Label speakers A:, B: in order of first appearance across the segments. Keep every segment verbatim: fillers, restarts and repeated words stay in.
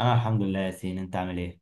A: انا الحمد لله يا سين، انت عامل ايه؟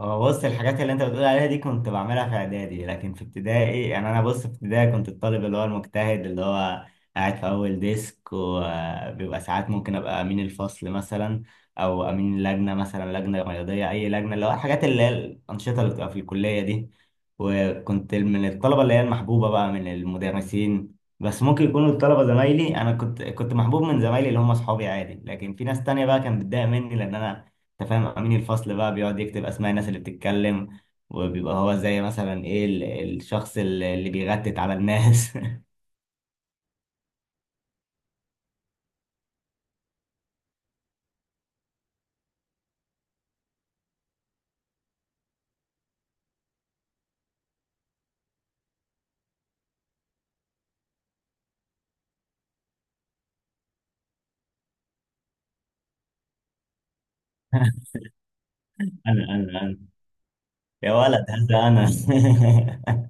A: هو بص الحاجات اللي انت بتقول عليها دي كنت بعملها في اعدادي، لكن في ابتدائي يعني انا، بص في ابتدائي كنت الطالب اللي هو المجتهد، اللي هو قاعد في اول ديسك، وبيبقى ساعات ممكن ابقى امين الفصل مثلا، او امين لجنه مثلا، لجنه رياضيه، اي لجنه، اللي هو الحاجات اللي هي الانشطه اللي بتبقى في الكليه دي. وكنت من الطلبه اللي هي المحبوبه بقى من المدرسين، بس ممكن يكونوا الطلبة زمايلي، أنا كنت كنت محبوب من زمايلي اللي هم أصحابي عادي، لكن في ناس تانية بقى كانت بتضايق مني لأن أنا، انت فاهم، امين الفصل بقى بيقعد يكتب اسماء الناس اللي بتتكلم، وبيبقى هو زي مثلا ايه، ال- الشخص اللي اللي بيغتت على الناس. انا انا انا، يا ولد هذا انا.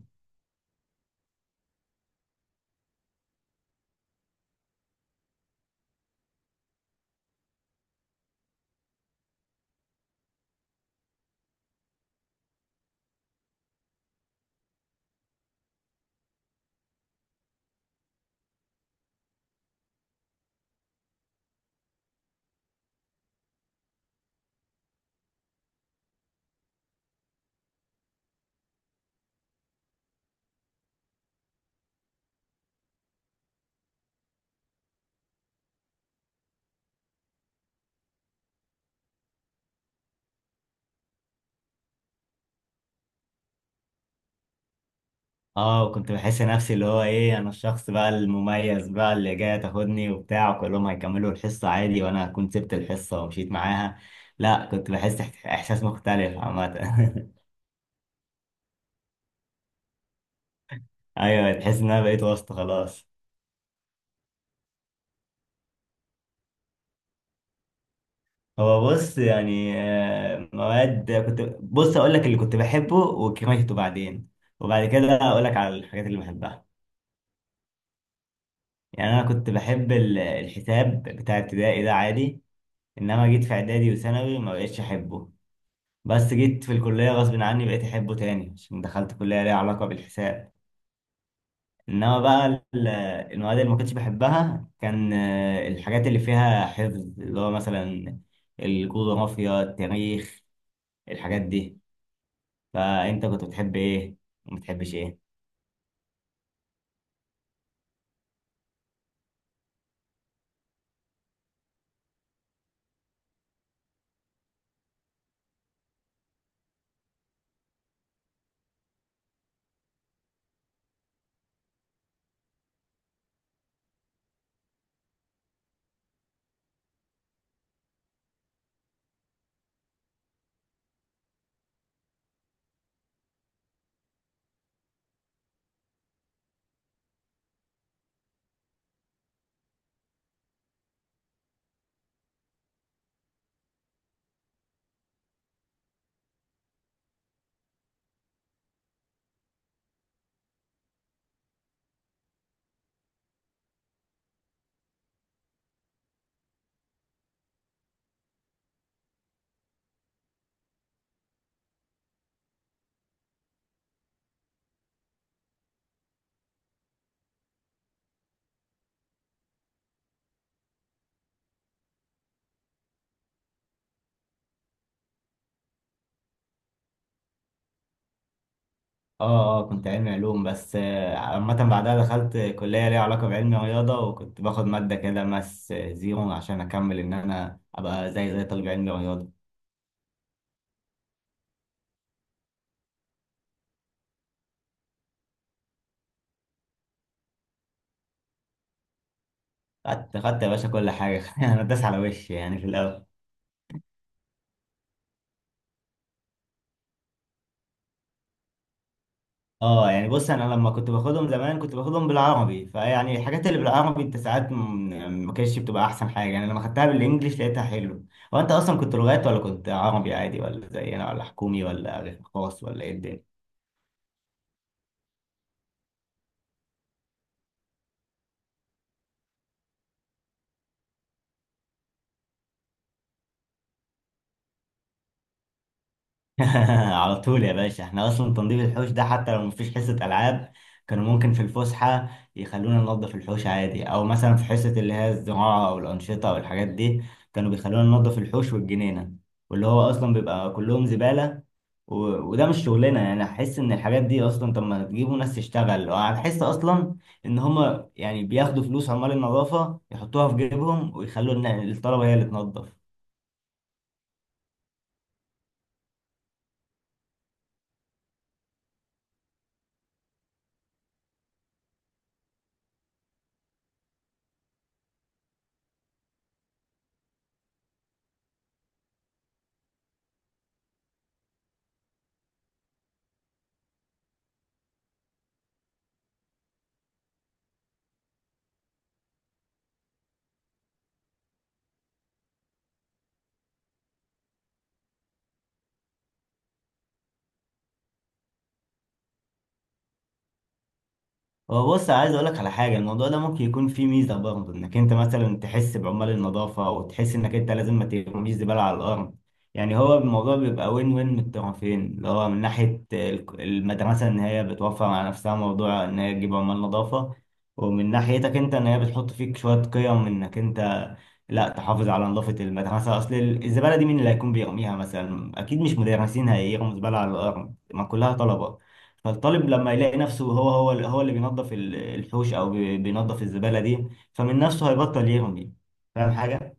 A: اه، وكنت بحس نفسي اللي هو ايه، انا الشخص بقى المميز بقى اللي جاي تاخدني وبتاع، وكلهم هيكملوا الحصة عادي، وانا كنت سبت الحصة ومشيت معاها. لا، كنت بحس احت- احساس مختلف عامة. ايوه، تحس ان انا بقيت وسط خلاص. هو بص يعني آه، مواد، كنت بص اقول لك اللي كنت بحبه وكرهته بعدين، وبعد كده اقول لك على الحاجات اللي بحبها. يعني انا كنت بحب ال- الحساب بتاع ابتدائي ده عادي، انما جيت في اعدادي وثانوي ما بقتش احبه، بس جيت في الكليه غصب عني بقيت احبه تاني عشان دخلت كليه ليها علاقه بالحساب. انما بقى ال- المواد اللي ما كنتش بحبها كان آه، الحاجات اللي فيها حفظ، اللي هو مثلا الجغرافيا، التاريخ، الحاجات دي. فانت كنت بتحب ايه وما بتحبش ايه؟ اه اه، كنت علمي علوم، بس آه، عامة بعدها دخلت كلية ليها علاقة بعلم رياضة، وكنت باخد مادة كده ماس آه، زيرو عشان أكمل، إن أنا أبقى زي زي طالب علم رياضة. خدت خدت يا باشا كل حاجة. أنا داس على وشي يعني في الأول. اه يعني، بص انا لما كنت باخدهم زمان كنت باخدهم بالعربي، فيعني الحاجات اللي بالعربي انت ساعات م- يعني ما كانتش بتبقى احسن حاجه، يعني لما خدتها بالانجليش لقيتها حلو. هو انت اصلا كنت لغات ولا كنت عربي عادي، ولا زي انا ولا حكومي ولا خاص، ولا ايه الدنيا؟ على طول يا باشا، احنا اصلا تنظيف الحوش ده حتى لو مفيش حصة العاب، كانوا ممكن في الفسحة يخلونا ننظف الحوش عادي، او مثلا في حصة اللي هي الزراعة او الانشطة او الحاجات دي، كانوا بيخلونا ننظف الحوش والجنينة، واللي هو اصلا بيبقى كلهم زبالة. و... وده مش شغلنا، يعني احس ان الحاجات دي اصلا، طب ما تجيبوا ناس تشتغل، وهتحس اصلا ان هما يعني بياخدوا فلوس عمال النظافة يحطوها في جيبهم، ويخلوا إن الطلبة هي اللي تنظف. هو بص عايز اقول لك على حاجه، الموضوع ده ممكن يكون فيه ميزه برضه، انك انت مثلا تحس بعمال النظافه، او تحس انك انت لازم ما ترميش زباله على الارض. يعني هو الموضوع بيبقى وين وين من الطرفين، اللي هو من ناحيه ال- المدرسه، ان هي بتوفر على نفسها موضوع ان هي تجيب عمال نظافه، ومن ناحيتك انت ان هي بتحط فيك شويه قيم، انك انت لا، تحافظ على نظافه المدرسه، اصل الزباله دي مين اللي هيكون بيرميها؟ مثلا اكيد مش مدرسين هيرموا زباله على الارض، ما كلها طلبه. فالطالب لما يلاقي نفسه هو هو هو اللي بينظف ال- الحوش او بي- بينظف الزبالة دي، فمن نفسه هيبطل يرمي. فاهم حاجة؟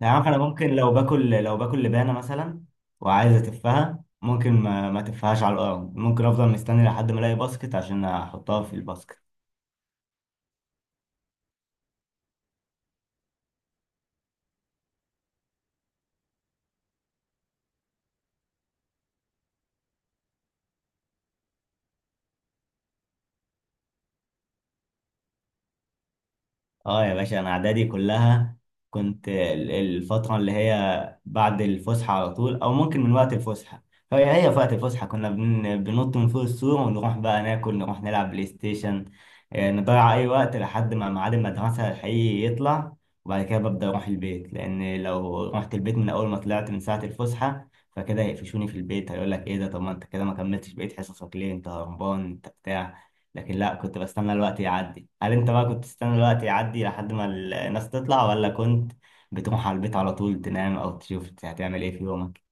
A: يعني عارف انا ممكن لو باكل، لو باكل لبانة مثلا وعايز اتفها، ممكن ما, ما تفهاش على الارض، ممكن افضل مستني لحد ما الاقي باسكت عشان احطها في الباسكت. اه يا باشا، انا اعدادي كلها كنت ال- الفتره اللي هي بعد الفسحه على طول، او ممكن من وقت الفسحه، هي هي في وقت الفسحه كنا بن- بننط من فوق السور ونروح بقى ناكل، نروح نلعب بلاي ستيشن، آه، نضيع اي وقت لحد ما ميعاد المدرسه الحقيقي يطلع، وبعد كده ببدا اروح البيت، لان لو رحت البيت من اول ما طلعت من ساعه الفسحه فكده هيقفشوني في البيت، هيقول لك ايه ده، طب ما انت كده ما كملتش بقيت حصصك ليه، انت هربان، انت بتاع. لكن لا، كنت بستنى الوقت يعدي. هل انت بقى كنت تستنى الوقت يعدي لحد ما الناس تطلع، ولا كنت بتروح على البيت على طول تنام، او تشوف هتعمل ايه في يومك؟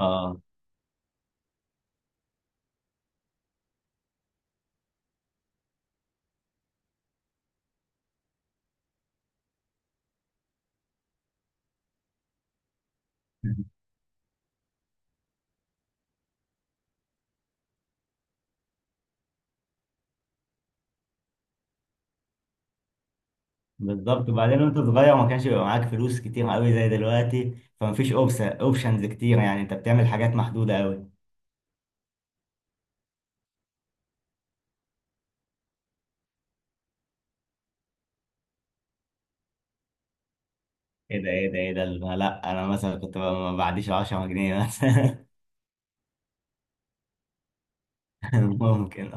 A: اه. بالظبط، وبعدين وانت صغير ما كانش بيبقى معاك فلوس كتير قوي زي دلوقتي، فمفيش اوبشنز كتير، يعني انت بتعمل حاجات محدودة قوي. ايه ده ايه ده ايه ده لا، انا مثلا كنت ب- ما بعديش عشرة جنيه مثلا. ممكن.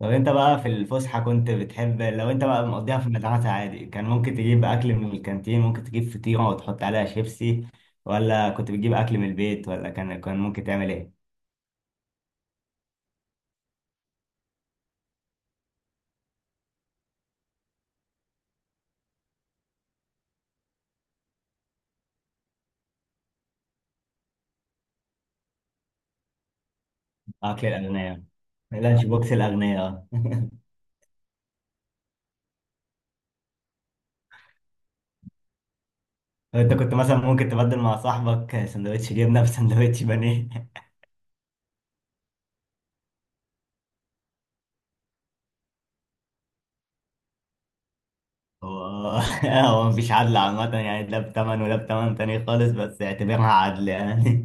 A: طب انت بقى في الفسحة كنت بتحب لو انت بقى مقضيها في المدرسة عادي، كان ممكن تجيب اكل من الكانتين، ممكن تجيب فطيرة وتحط عليها شيبسي، ولا كنت بتجيب اكل من البيت، ولا كان كان ممكن تعمل ايه؟ اكل الاغنياء، اللانش بوكس الاغنياء، اه. انت كنت مثلا ممكن تبدل مع صاحبك سندوتش جبنة بسندوتش بانيه؟ هو، هو مفيش عدل عامة يعني، ده بتمن وده بتمن تاني خالص، بس اعتبرها عدل يعني.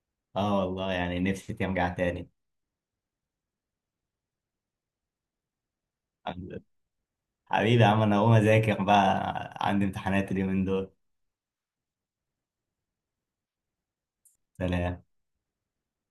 A: اه والله، يعني نفسي ترجع تاني. حبيبي يا عم، انا هقوم اذاكر بقى، عندي امتحانات اليومين دول. سلام.